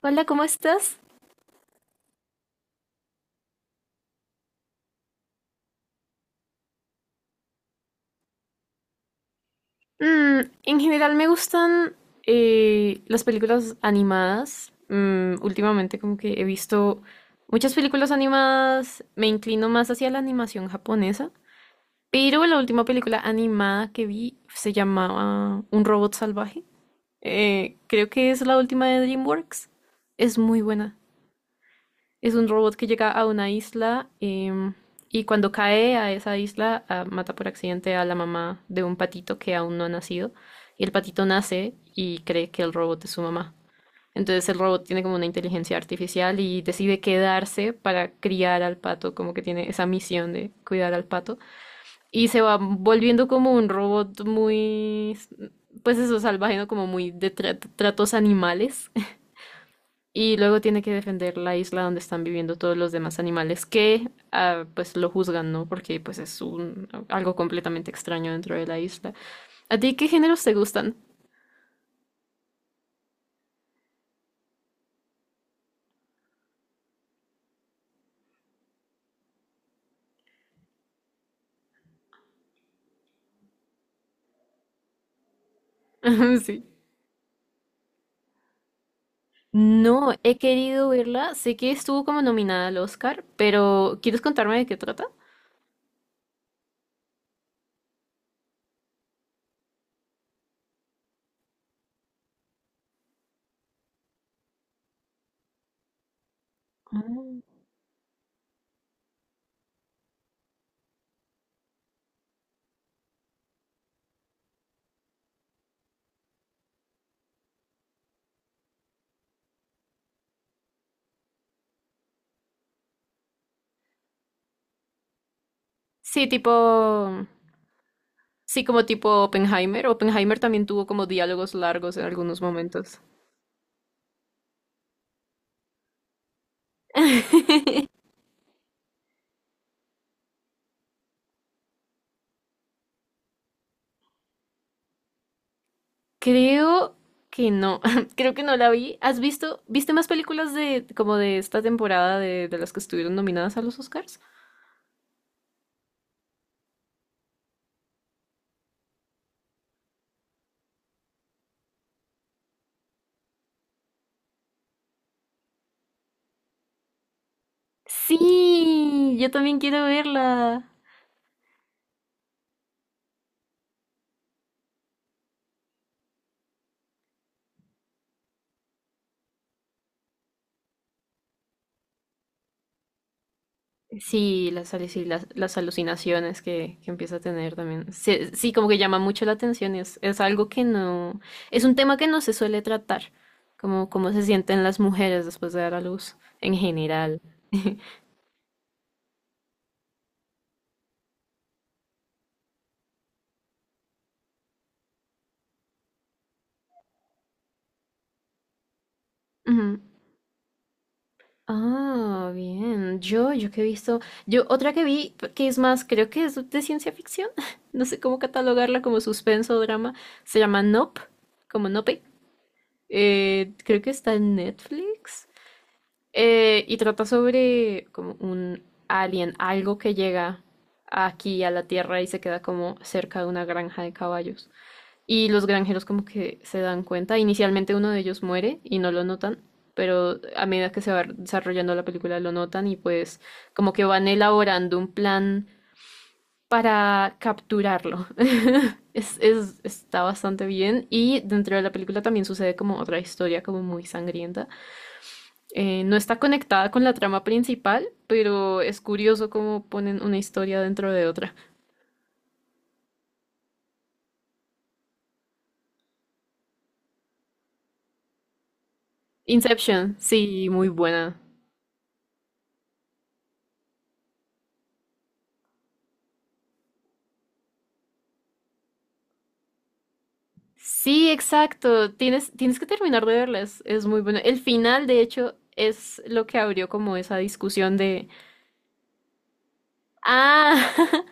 Hola, ¿cómo estás? En general me gustan las películas animadas. Últimamente como que he visto muchas películas animadas, me inclino más hacia la animación japonesa, pero la última película animada que vi se llamaba Un robot salvaje. Creo que es la última de DreamWorks. Es muy buena. Es un robot que llega a una isla, y cuando cae a esa isla, mata por accidente a la mamá de un patito que aún no ha nacido, y el patito nace y cree que el robot es su mamá. Entonces el robot tiene como una inteligencia artificial y decide quedarse para criar al pato, como que tiene esa misión de cuidar al pato. Y se va volviendo como un robot muy, pues eso, salvaje, ¿no? Como muy de tratos animales, y luego tiene que defender la isla donde están viviendo todos los demás animales que, pues lo juzgan, ¿no? Porque pues es un, algo completamente extraño dentro de la isla. ¿A ti qué géneros te gustan? Sí. No, he querido verla. Sé que estuvo como nominada al Oscar, pero ¿quieres contarme de qué trata? Mm. Sí, tipo. Sí, como tipo Oppenheimer. Oppenheimer también tuvo como diálogos largos en algunos momentos. Creo que no, creo que no la vi. Viste más películas de como de esta temporada de las que estuvieron nominadas a los Oscars? Sí, yo también quiero verla. Sí, las, las alucinaciones que empieza a tener también. Sí, sí, como que llama mucho la atención y es algo que no, es un tema que no se suele tratar, como cómo se sienten las mujeres después de dar a luz en general. Ujú. Ah, bien. Yo que he visto, yo otra que vi, que es más, creo que es de ciencia ficción, no sé cómo catalogarla como suspenso o drama, se llama Nope, como Nope. Creo que está en Netflix. Y trata sobre como un alien, algo que llega aquí a la Tierra y se queda como cerca de una granja de caballos. Y los granjeros como que se dan cuenta. Inicialmente uno de ellos muere y no lo notan, pero a medida que se va desarrollando la película lo notan y pues como que van elaborando un plan para capturarlo. Está bastante bien y dentro de la película también sucede como otra historia como muy sangrienta. No está conectada con la trama principal, pero es curioso cómo ponen una historia dentro de otra. Inception, sí, muy buena. Sí, exacto. Tienes que terminar de verlas. Es muy bueno. El final, de hecho, es lo que abrió como esa discusión de, ah,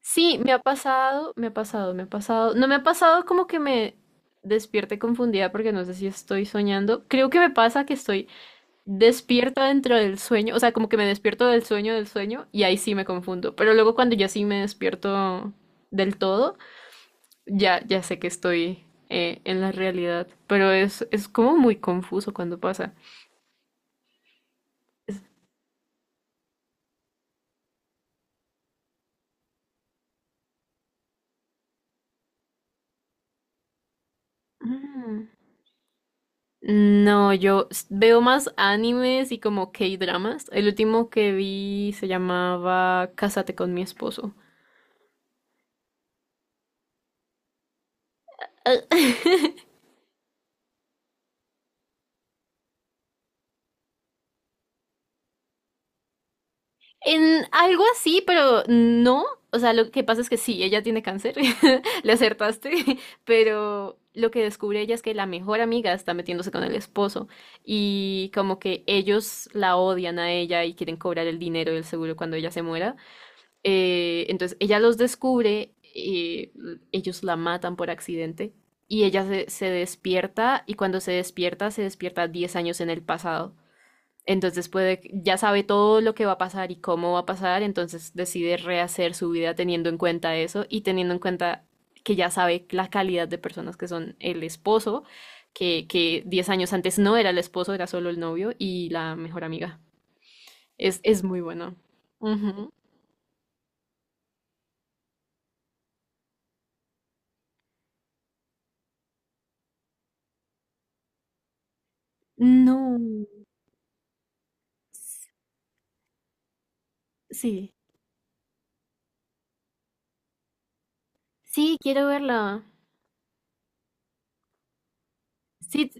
sí, me ha pasado, me ha pasado, me ha pasado. No me ha pasado como que me despierte confundida porque no sé si estoy soñando. Creo que me pasa que estoy despierta dentro del sueño, o sea, como que me despierto del sueño y ahí sí me confundo. Pero luego cuando ya sí me despierto del todo. Ya, ya sé que estoy en la realidad, pero es como muy confuso cuando pasa. Es- Mm. No, yo veo más animes y como K-dramas. El último que vi se llamaba Cásate con mi esposo. Ah. En algo así, pero no. O sea, lo que pasa es que sí, ella tiene cáncer, le acertaste, pero lo que descubre ella es que la mejor amiga está metiéndose con el esposo y como que ellos la odian a ella y quieren cobrar el dinero del seguro cuando ella se muera. Entonces ella los descubre, ellos la matan por accidente y ella se despierta y cuando se despierta 10 años en el pasado. Entonces puede, ya sabe todo lo que va a pasar y cómo va a pasar, entonces decide rehacer su vida teniendo en cuenta eso y teniendo en cuenta que ya sabe la calidad de personas que son el esposo, que 10 años antes no era el esposo, era solo el novio y la mejor amiga. Es muy bueno. Ujú. No. Sí. Sí, quiero verla. Sí,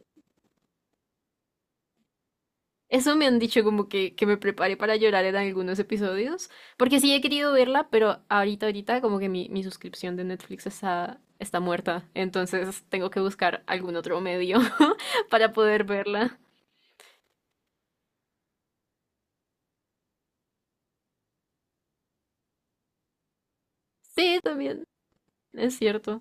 eso me han dicho como que me prepare para llorar en algunos episodios, porque sí he querido verla, pero ahorita, ahorita como que mi suscripción de Netflix está muerta, entonces tengo que buscar algún otro medio para poder verla. Sí, también, es cierto.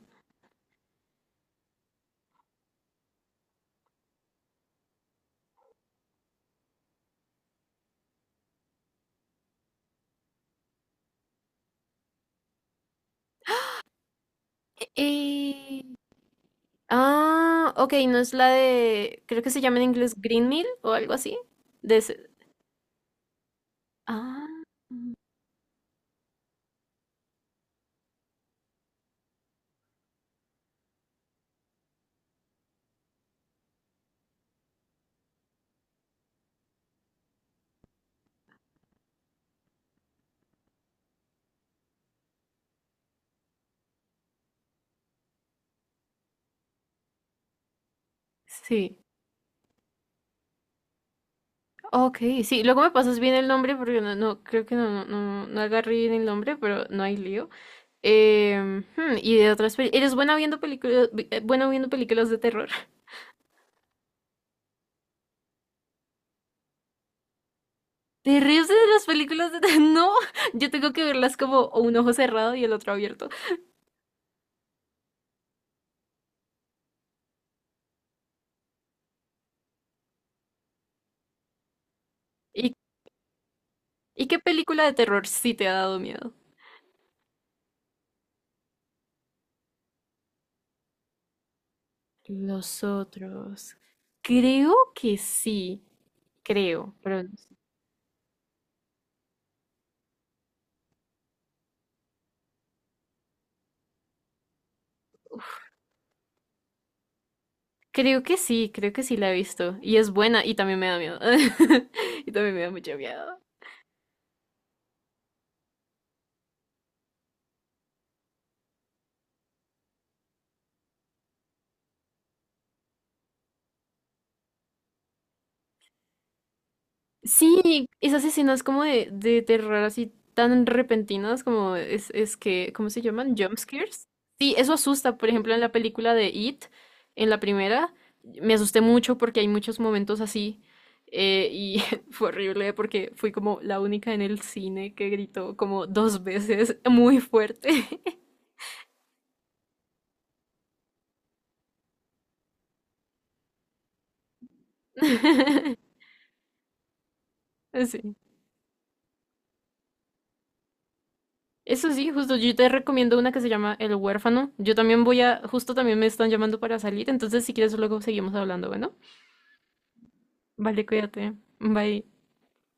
Eh, Ah, ok, no es la de, creo que se llama en inglés Green Mill o algo así. De ese- Ah, sí. Ok, sí, luego me pasas bien el nombre porque no, no creo que no, no, no agarré bien el nombre, pero no hay lío. Y de otras películas. ¿Eres buena viendo películas, bueno viendo películas de terror? ¿Te ríes de las películas de terror? No, yo tengo que verlas como o un ojo cerrado y el otro abierto. ¿Y, y qué película de terror sí te ha dado miedo? Los otros. Creo que sí, creo, pero creo que sí la he visto. Y es buena y también me da miedo. Y también me da mucho miedo. Sí, esas escenas como de terror así tan repentinas como es que, ¿cómo se llaman? Jump scares. Sí, eso asusta. Por ejemplo, en la película de It, en la primera, me asusté mucho porque hay muchos momentos así, y fue horrible porque fui como la única en el cine que gritó como dos veces muy fuerte. Sí. Eso sí, justo yo te recomiendo una que se llama El huérfano. Yo también voy a, justo también me están llamando para salir, entonces si quieres luego seguimos hablando, bueno. Vale, cuídate. Bye.